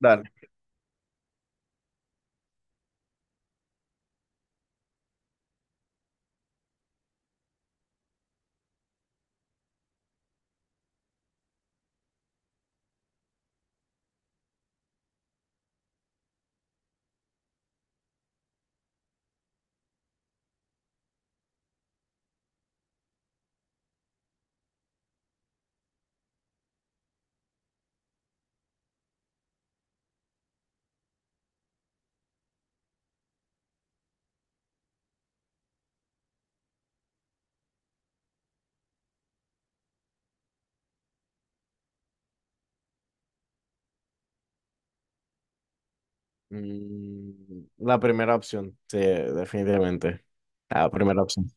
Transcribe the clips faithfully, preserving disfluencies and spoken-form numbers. Dale. Mm, La primera opción, sí, definitivamente. La primera opción.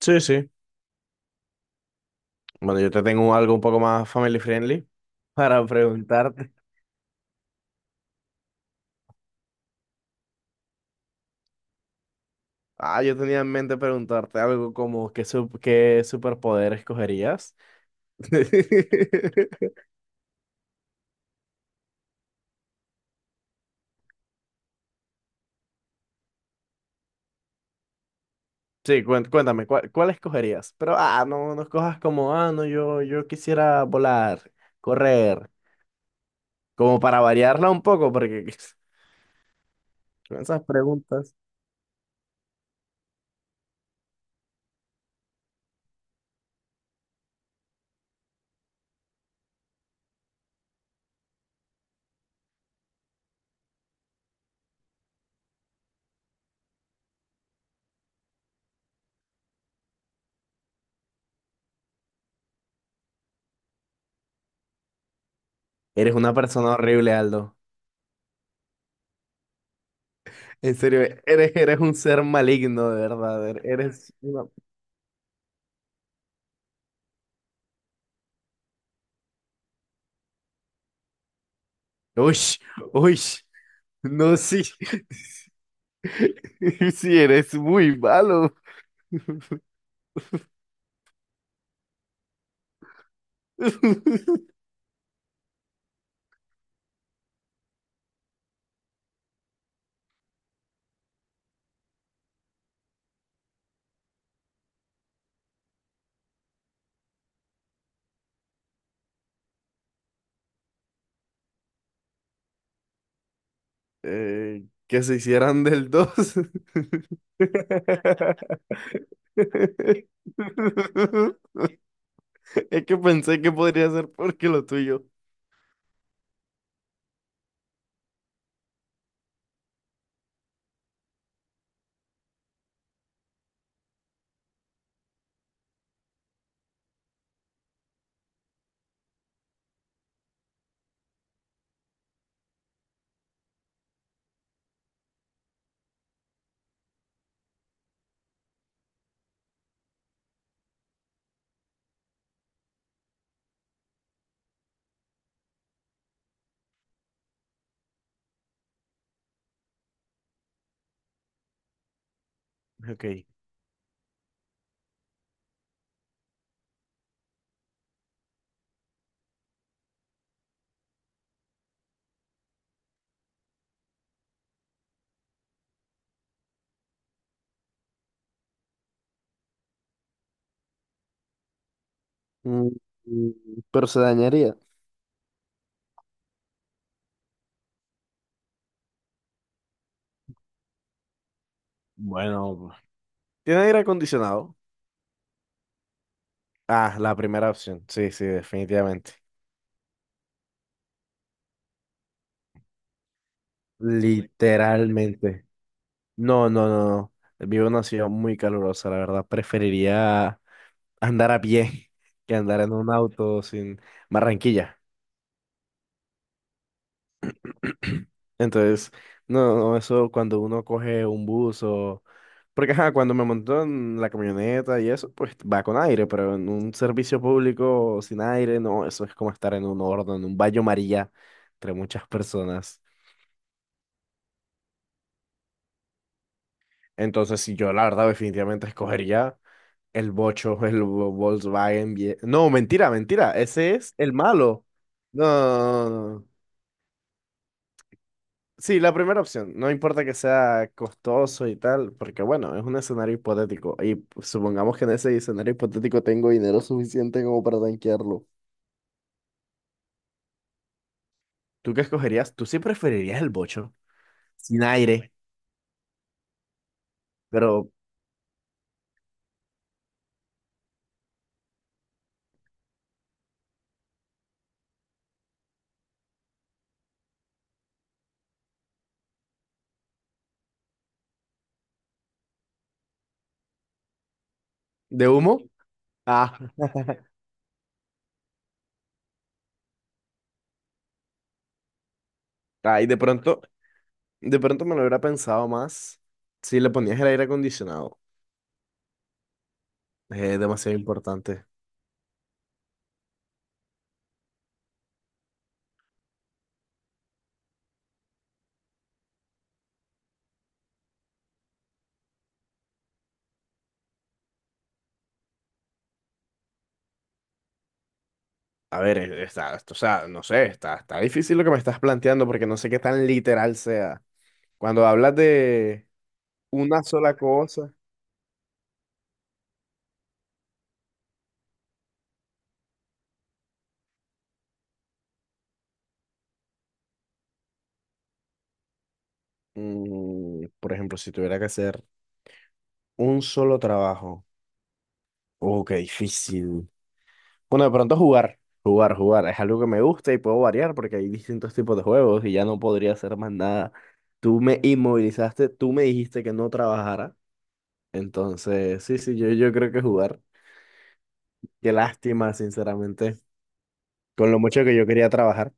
Sí, sí. Bueno, yo te tengo algo un poco más family friendly para preguntarte. Ah, yo tenía en mente preguntarte algo como ¿qué, sup- qué superpoder escogerías? Sí, cuen- cuéntame, ¿cuál, cuál escogerías? Pero, ah, no, no escojas como, ah, no, yo, yo quisiera volar, correr, como para variarla un poco, porque con esas preguntas, eres una persona horrible, Aldo. En serio, eres, eres un ser maligno, de verdad. er- Eres una... Uy, uy, no, sí. Sí, eres muy malo. Eh, que se hicieran del dos. Es que pensé que podría ser porque lo tuyo. Ok. Mm, mm, Pero se dañaría. Bueno, ¿tiene aire acondicionado? Ah, la primera opción. Sí, sí, definitivamente. Literalmente. No, no, no, no. Vivo en una ciudad muy calurosa, la verdad. Preferiría andar a pie que andar en un auto sin... Barranquilla. Entonces, no, no, eso cuando uno coge un bus o... Porque, ajá, cuando me montó en la camioneta y eso, pues va con aire, pero en un servicio público sin aire, no, eso es como estar en un horno, en un baño María, entre muchas personas. Entonces, si yo la verdad definitivamente escogería el bocho, el Vo- Volkswagen. vie- No, mentira, mentira. Ese es el malo. No, no, no, no. Sí, la primera opción. No importa que sea costoso y tal, porque bueno, es un escenario hipotético. Y pues, supongamos que en ese escenario hipotético tengo dinero suficiente como para tanquearlo. ¿Tú qué escogerías? Tú sí preferirías el bocho, sin aire, pero... ¿de humo? Ah, ay, de pronto, de pronto me lo hubiera pensado más si le ponías el aire acondicionado. Es demasiado importante. A ver, eh, está, esto, o sea, no sé, está, está difícil lo que me estás planteando porque no sé qué tan literal sea. Cuando hablas de una sola cosa, mm, por ejemplo, si tuviera que hacer un solo trabajo, oh, qué difícil. Bueno, de pronto jugar, jugar, jugar, es algo que me gusta y puedo variar porque hay distintos tipos de juegos y ya no podría hacer más nada. Tú me inmovilizaste, tú me dijiste que no trabajara, entonces, sí, sí, yo, yo creo que jugar. Qué lástima, sinceramente, con lo mucho que yo quería trabajar.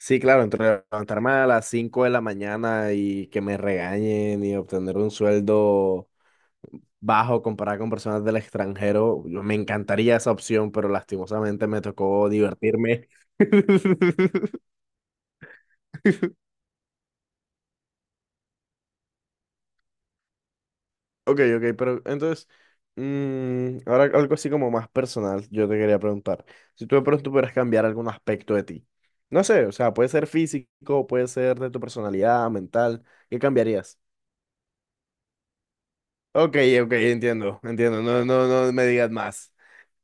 Sí, claro, entre levantarme a las cinco de la mañana y que me regañen y obtener un sueldo bajo comparado con personas del extranjero, yo- me encantaría esa opción, pero lastimosamente me tocó divertirme. Ok, ok, pero entonces, mm, ahora algo así como más personal, yo te quería preguntar, si tú de pronto pudieras cambiar algún aspecto de ti, no sé, o sea, puede ser físico, puede ser de tu personalidad, mental, ¿qué cambiarías? Ok, ok, entiendo, entiendo. No, no, no me digas más.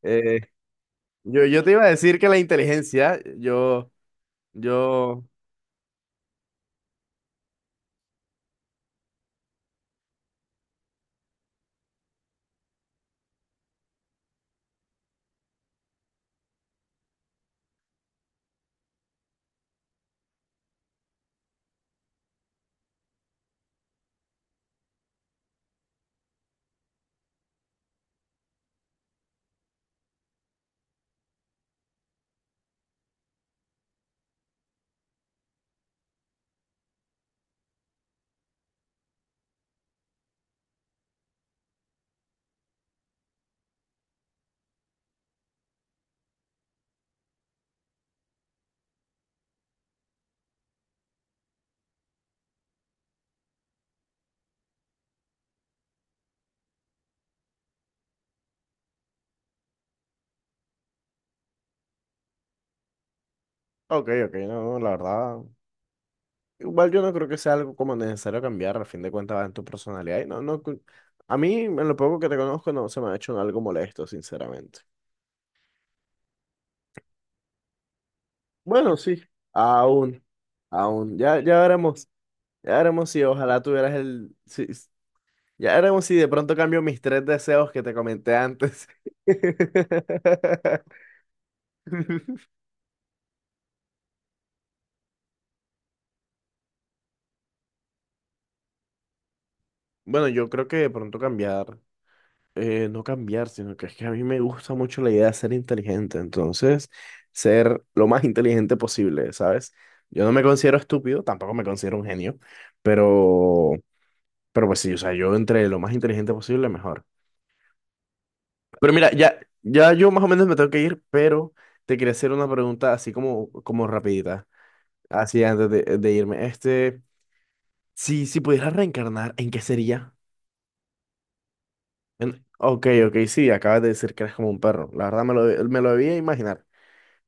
Eh, yo, yo te iba a decir que la inteligencia, yo, yo, ok, ok, no, la verdad, igual yo no creo que sea algo como necesario cambiar, a fin de cuentas va en tu personalidad y no, no, cu- a mí, en lo poco que te conozco, no se me ha hecho algo molesto, sinceramente. Bueno, sí, aún, aún, ya, ya veremos, ya veremos si ojalá tuvieras el, si, ya veremos si de pronto cambio mis tres deseos que te comenté antes. Bueno, yo creo que de pronto cambiar, eh, no cambiar, sino que es que a mí me gusta mucho la idea de ser inteligente, entonces ser lo más inteligente posible, ¿sabes? Yo no me considero estúpido, tampoco me considero un genio, pero, pero pues sí, o sea, yo entre lo más inteligente posible, mejor. Pero mira, ya, ya yo más o menos me tengo que ir, pero te quería hacer una pregunta así como, como rapidita, así antes de, de irme. Este, si, si pudieras reencarnar, ¿en qué sería? En- Ok, ok, sí, acabas de decir que eres como un perro. La verdad me lo, me lo debía imaginar.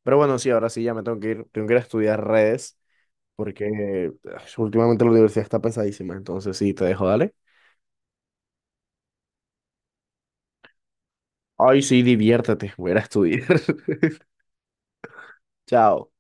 Pero bueno, sí, ahora sí ya me tengo que ir, tengo que ir a estudiar redes porque eh, últimamente la universidad está pesadísima. Entonces sí, te dejo, dale. Ay, sí, diviértete, voy a ir a estudiar. Chao.